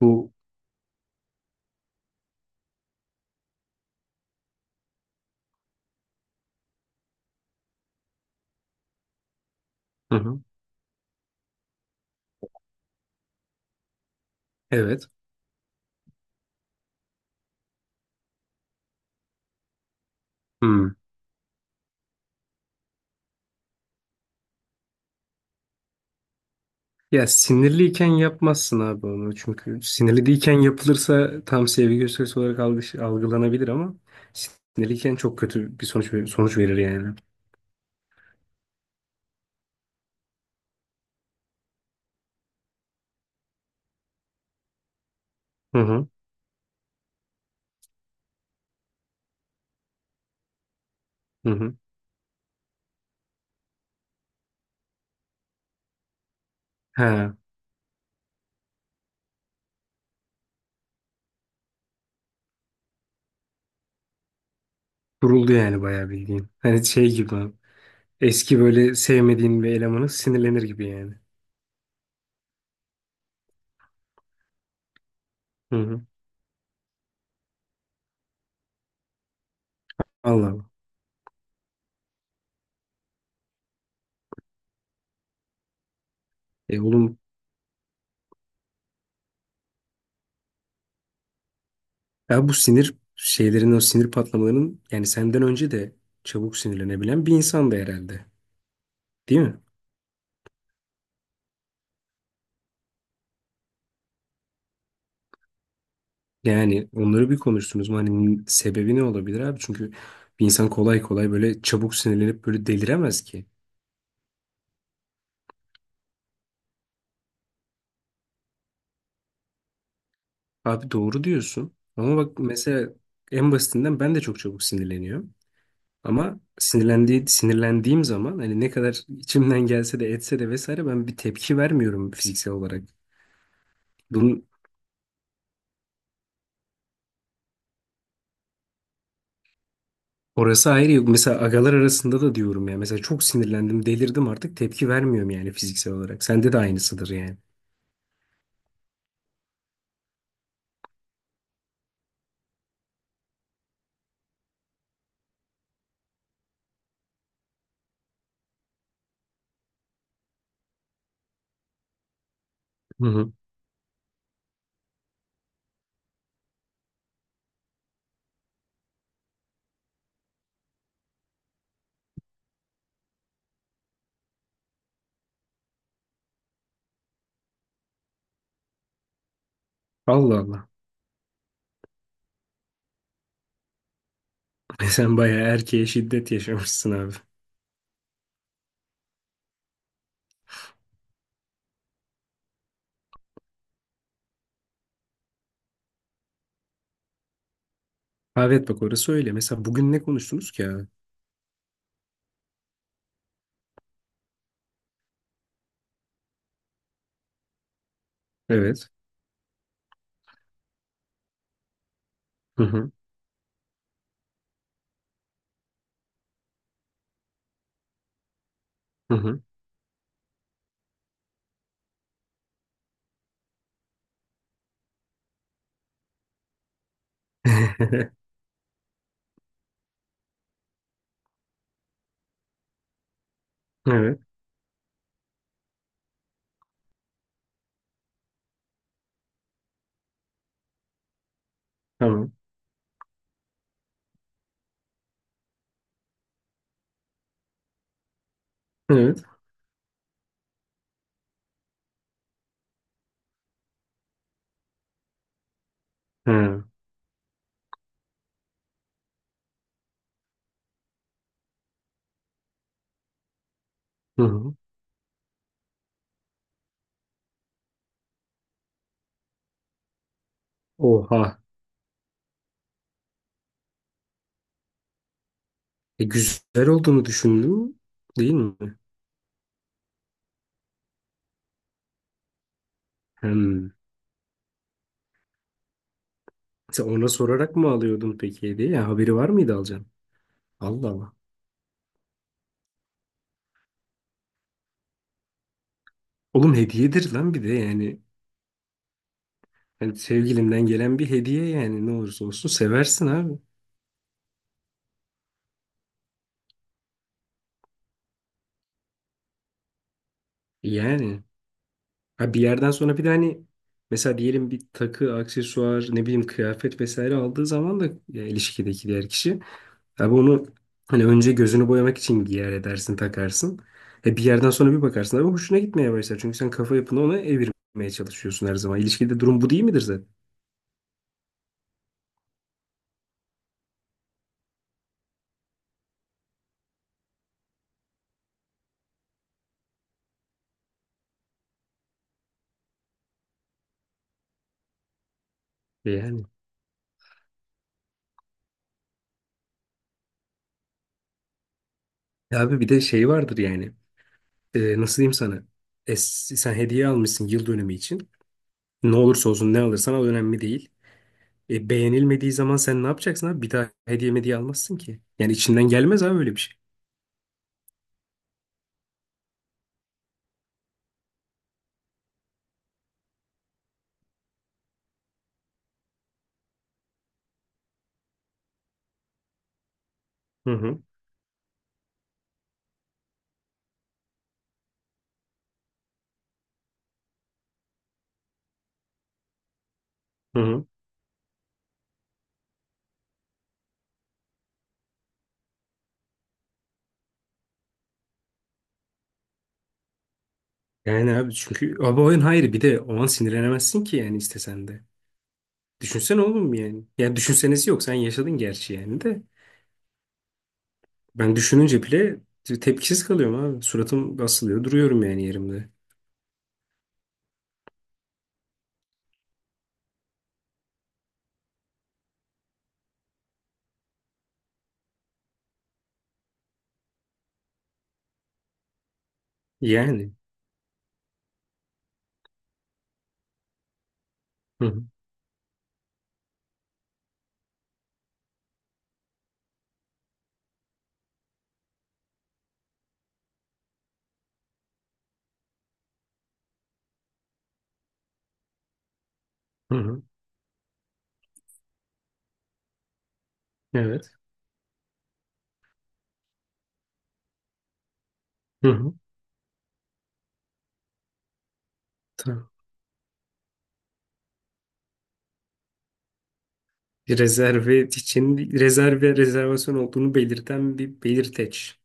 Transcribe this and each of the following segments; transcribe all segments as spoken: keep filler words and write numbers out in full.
Bu hı hı. Evet. Hmm. Ya sinirliyken yapmazsın abi onu çünkü sinirli değilken yapılırsa tam sevgi gösterisi olarak algı- algılanabilir ama sinirliyken çok kötü bir sonuç ver- sonuç verir yani. Hı hı. Hı hı. Ha, Vuruldu yani bayağı bildiğin. Hani şey gibi abi. Eski böyle sevmediğin bir elemanı sinirlenir gibi yani. Hı hı. Allah Allah. E oğlum ya bu sinir şeylerin o sinir patlamalarının yani senden önce de çabuk sinirlenebilen bir insan da herhalde. Değil mi? Yani onları bir konuştunuz mu? Hani sebebi ne olabilir abi? Çünkü bir insan kolay kolay böyle çabuk sinirlenip böyle deliremez ki. Abi doğru diyorsun. Ama bak mesela en basitinden ben de çok çabuk sinirleniyorum. Ama sinirlendiği, sinirlendiğim zaman hani ne kadar içimden gelse de etse de vesaire ben bir tepki vermiyorum fiziksel olarak. Bunun orası ayrı yok. Mesela agalar arasında da diyorum ya. Mesela çok sinirlendim, delirdim artık tepki vermiyorum yani fiziksel olarak. Sende de aynısıdır yani. Hı hı. Allah Allah. Sen bayağı erkeğe şiddet yaşamışsın abi. Abi evet bak orası öyle. Mesela bugün ne konuştunuz ki abi? Evet. Hı hı. Hı hı. Evet. Tamam. Evet. Hı. Hı hı. Oha. E, güzel olduğunu düşündüm. Değil mi? Hmm. Sen ona sorarak mı alıyordun peki hediye? Ya, haberi var mıydı alacağım? Allah Allah. Oğlum hediyedir lan bir de yani. Hani sevgilinden gelen bir hediye yani ne olursa olsun seversin abi. Yani. Ha bir yerden sonra bir de hani mesela diyelim bir takı, aksesuar, ne bileyim kıyafet vesaire aldığı zaman da ya, ilişkideki diğer kişi abi onu hani önce gözünü boyamak için giyer edersin, takarsın. E bir yerden sonra bir bakarsın abi hoşuna gitmeye başlar. Çünkü sen kafa yapını ona evirmeye çalışıyorsun her zaman. İlişkide durum bu değil midir zaten? E yani. Ya abi bir de şey vardır yani. E, nasıl diyeyim sana? E, sen hediye almışsın yıl dönümü için. Ne olursa olsun ne alırsan al önemli değil. E, beğenilmediği zaman sen ne yapacaksın abi? Bir daha hediye hediye almazsın ki. Yani içinden gelmez abi öyle bir şey. Hı hı. Hı hı. Yani abi çünkü abi oyun hayır bir de o an sinirlenemezsin ki yani istesen de. Düşünsene oğlum yani. Yani düşünsenesi yok sen yaşadın gerçi yani de. Ben düşününce bile tepkisiz kalıyorum abi. Suratım asılıyor duruyorum yani yerimde. Yani. Hı hı. Hı hı. Evet. Hı hı. Tamam. Rezerve için rezerve rezervasyon olduğunu belirten bir belirteç.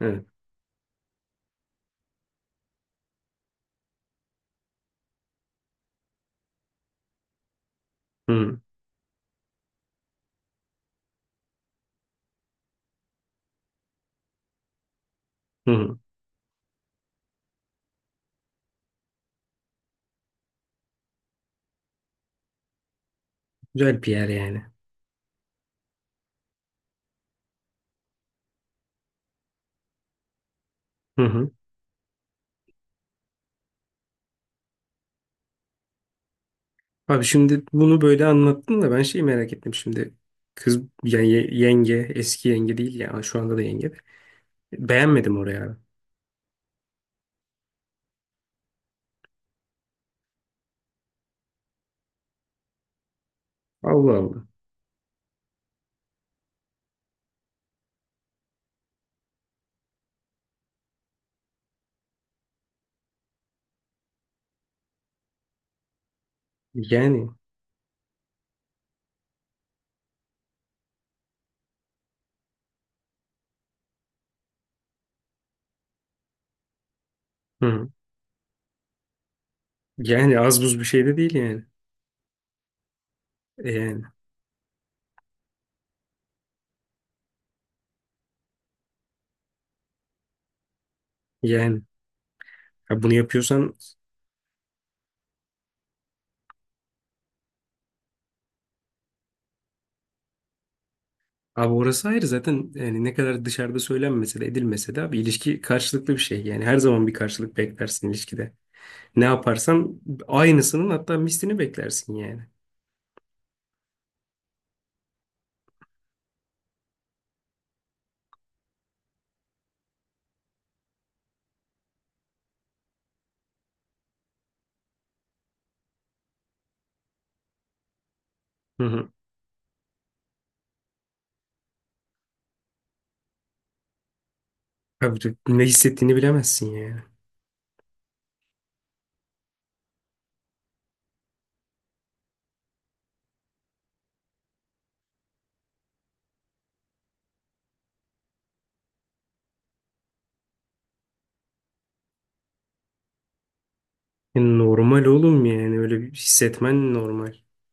Evet. Hı hı. Hı hı. Güzel bir yer yani. Hı hı. Abi şimdi bunu böyle anlattın da ben şeyi merak ettim şimdi. Kız yani ye- yenge, eski yenge değil ya şu anda da yenge. De. Beğenmedim oraya abi. Allah Allah. Yani hı. hı. Yani az buz bir şey de değil yani. E yani yani ya bunu yapıyorsan abi orası ayrı zaten yani ne kadar dışarıda söylenmese de edilmese de abi ilişki karşılıklı bir şey. Yani her zaman bir karşılık beklersin ilişkide. Ne yaparsan aynısının hatta mislini beklersin yani. Hı hı. Abi de ne hissettiğini bilemezsin ya. Yani normal oğlum yani öyle bir hissetmen normal.